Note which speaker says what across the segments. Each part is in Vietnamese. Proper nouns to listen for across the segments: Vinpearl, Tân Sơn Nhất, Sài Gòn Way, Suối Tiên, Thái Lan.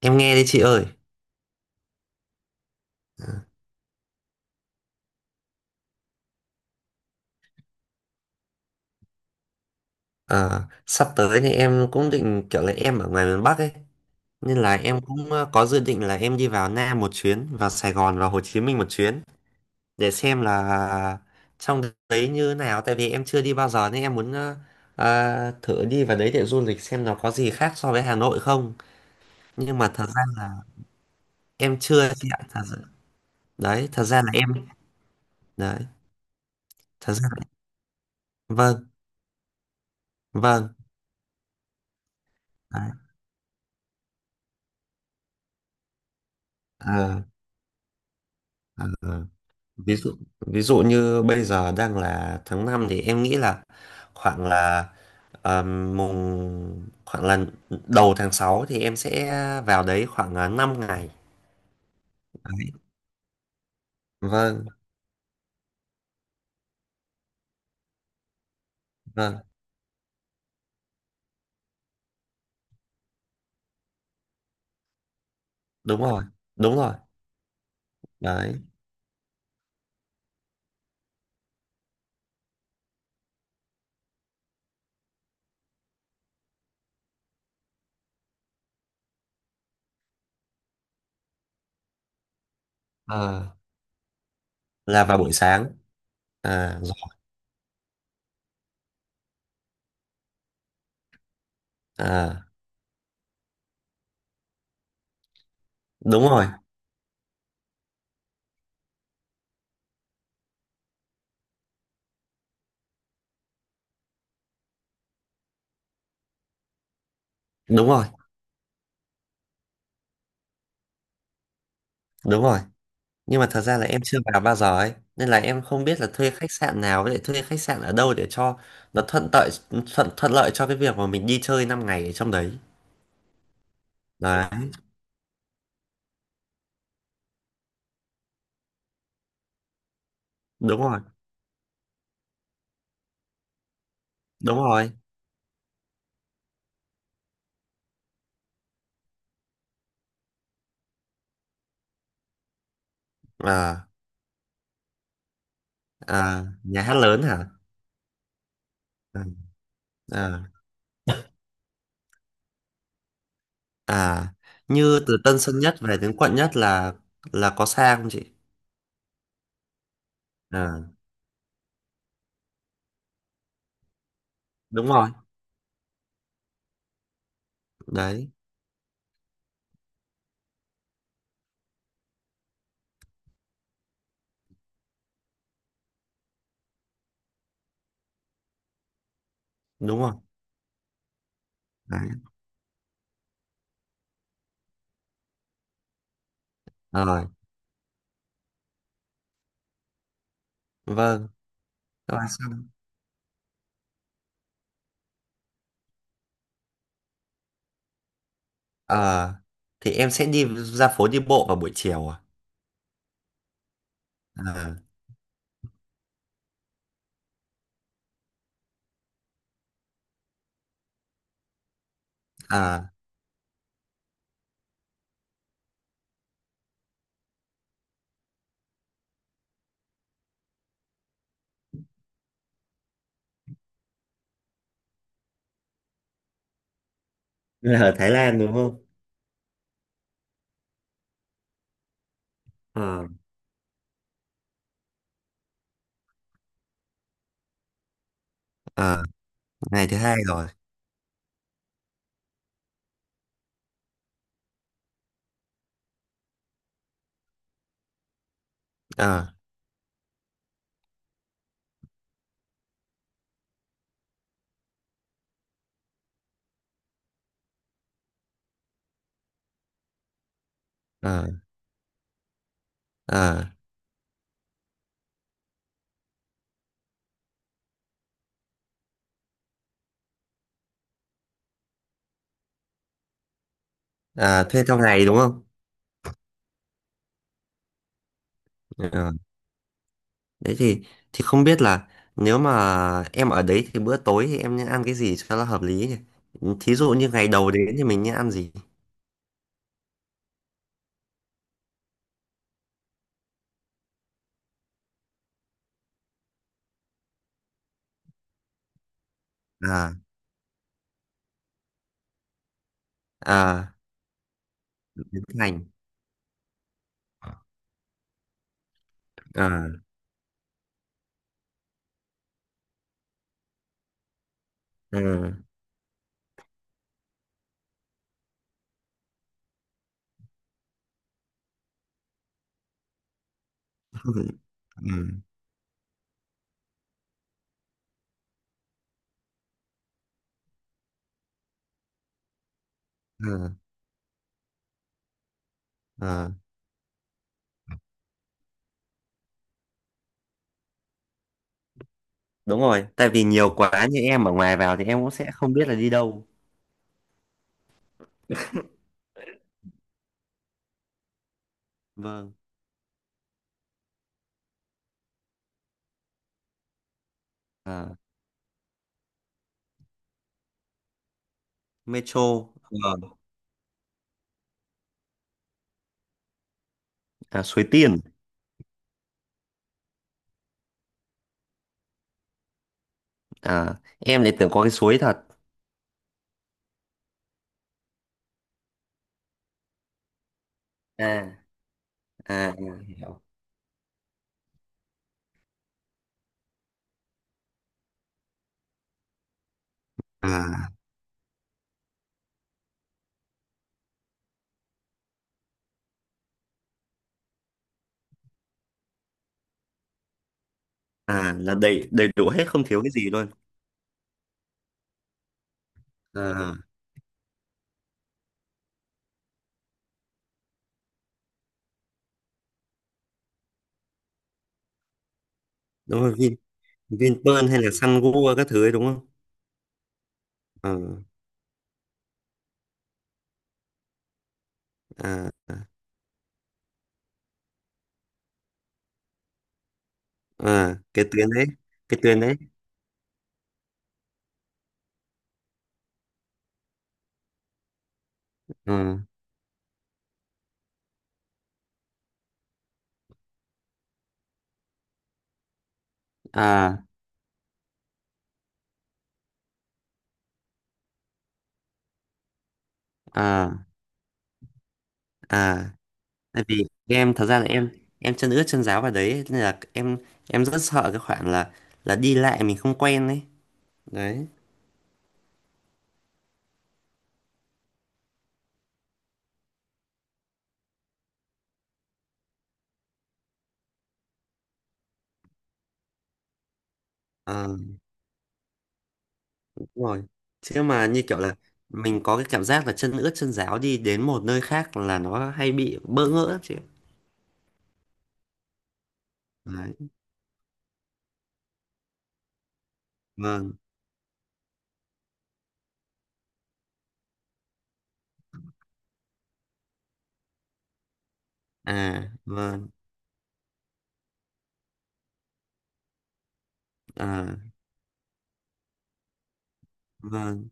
Speaker 1: Em nghe đi chị ơi. Ờ, sắp tới thì em cũng định kiểu là em ở ngoài miền Bắc ấy, nên là em cũng có dự định là em đi vào Nam một chuyến, vào Sài Gòn và Hồ Chí Minh một chuyến để xem là trong đấy như nào, tại vì em chưa đi bao giờ nên em muốn thử đi vào đấy để du lịch xem nó có gì khác so với Hà Nội không. Nhưng mà thật ra là em chưa chị ạ, thật ra, đấy, thật ra là em đấy, thật ra là vâng, vâng, đấy. Ờ, ờ. Ờ. ví dụ ví dụ như bây giờ đang là tháng 5 thì em nghĩ là khoảng là khoảng là đầu tháng 6 thì em sẽ vào đấy khoảng 5 ngày đấy. Vâng, vâng, đúng rồi, đúng rồi, đấy. Ờ, là vào buổi sáng. À, rồi. À, đúng rồi, đúng rồi, đúng rồi. Nhưng mà thật ra là em chưa vào bao giờ ấy nên là em không biết là thuê khách sạn nào với lại thuê khách sạn ở đâu để cho nó thuận lợi, thuận thuận lợi cho cái việc mà mình đi chơi 5 ngày ở trong đấy. Đấy, đúng rồi, đúng rồi. À, à, nhà hát lớn hả? À, à, à. Như từ Tân Sơn Nhất về đến quận Nhất là có xa không chị? À, đúng rồi, đấy, đúng rồi, đấy, rồi, vâng. Các bạn xong. Ờ, thì em sẽ đi ra phố đi bộ vào buổi chiều. À, à. À. Là ở Thái Lan đúng không? Ờ, ờ. Ngày thứ hai rồi. Ờ, ờ, ờ, ờ, thuê trong ngày đúng không? Ờ, đấy. Thì không biết là nếu mà em ở đấy thì bữa tối thì em nên ăn cái gì cho nó hợp lý nhỉ? Thí dụ như ngày đầu đến thì mình nên ăn gì? À, à. Biến thành. À, à, à, à. Đúng rồi, tại vì nhiều quá như em ở ngoài vào thì em cũng sẽ không biết là đi đâu. Vâng. À. Metro. Ờ. À, Suối Tiên. À, em lại tưởng có cái suối thật. À, à, à. Hiểu. À, à, là đầy đầy đủ hết không thiếu cái gì luôn? À, đúng rồi. Vinpearl hay là Sun Gua các thứ ấy đúng không? Ờ, à, à. À, cái tuyến đấy, cái tuyến đấy. Ừ. À, à, à. Tại vì em thật ra là em chân ướt chân ráo vào đấy nên là em rất sợ cái khoản là đi lại mình không quen đấy, đấy. Ờ. Đúng rồi. Chứ mà như kiểu là mình có cái cảm giác là chân ướt chân ráo đi đến một nơi khác là nó hay bị bỡ ngỡ lắm chị ạ. Đấy. Vâng. À, vâng. À, vâng.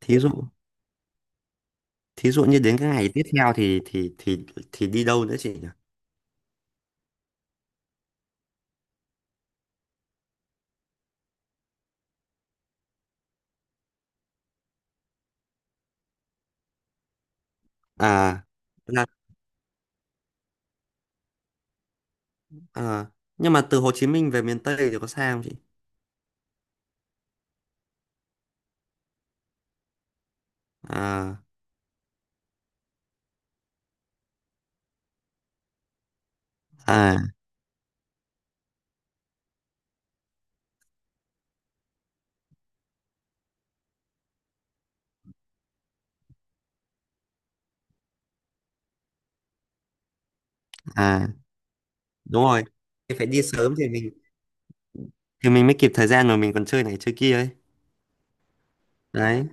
Speaker 1: Thí dụ. Thí dụ như đến cái ngày tiếp theo thì đi đâu nữa chị nhỉ? À, là. À, nhưng mà từ Hồ Chí Minh về miền Tây thì có xa không chị? À, à, à, đúng rồi. Thì phải đi sớm thì mình mới kịp thời gian rồi mình còn chơi này chơi kia ấy. Đấy,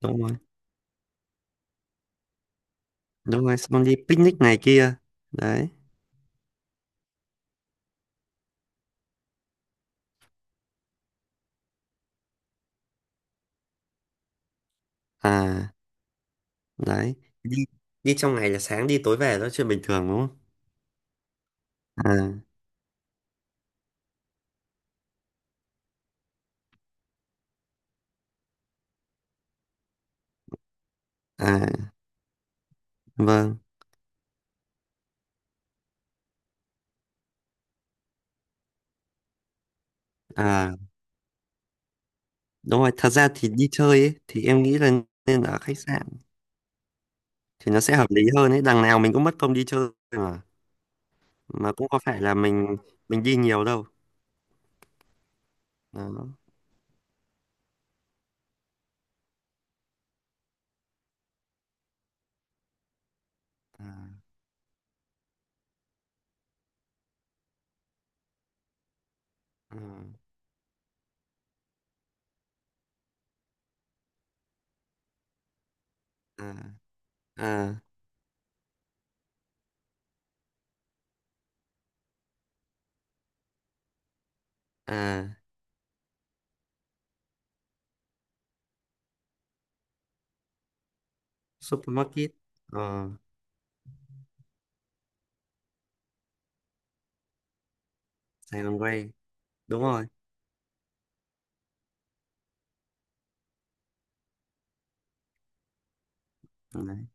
Speaker 1: đúng rồi. Đúng rồi, xong đi picnic này kia. Đấy. À, đấy. Đi đi trong ngày là sáng đi tối về đó là chuyện bình thường đúng không? À, à, vâng. À, đúng rồi, thật ra thì đi chơi ấy, thì em nghĩ là nên ở khách sạn thì nó sẽ hợp lý hơn ấy, đằng nào mình cũng mất công đi chơi mà. Mà cũng có phải là mình đi nhiều đâu. Đó. À, à, à, à. Supermarket. Ờ. Sài Gòn Way. Đúng rồi, đấy.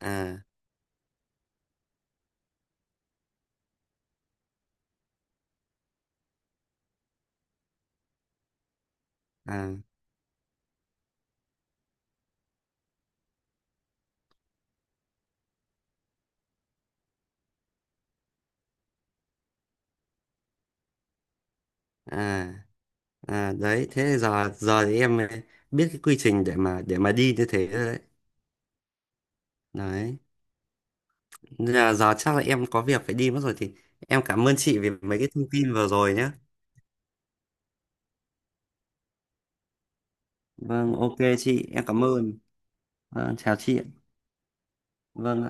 Speaker 1: À, à, à, à, đấy, thế giờ giờ thì em biết cái quy trình để mà đi như thế rồi đấy, đấy. Nên là giờ chắc là em có việc phải đi mất rồi thì em cảm ơn chị vì mấy cái thông tin vừa rồi nhé. Vâng, ok chị, em cảm ơn. Vâng, chào chị ạ. Vâng ạ.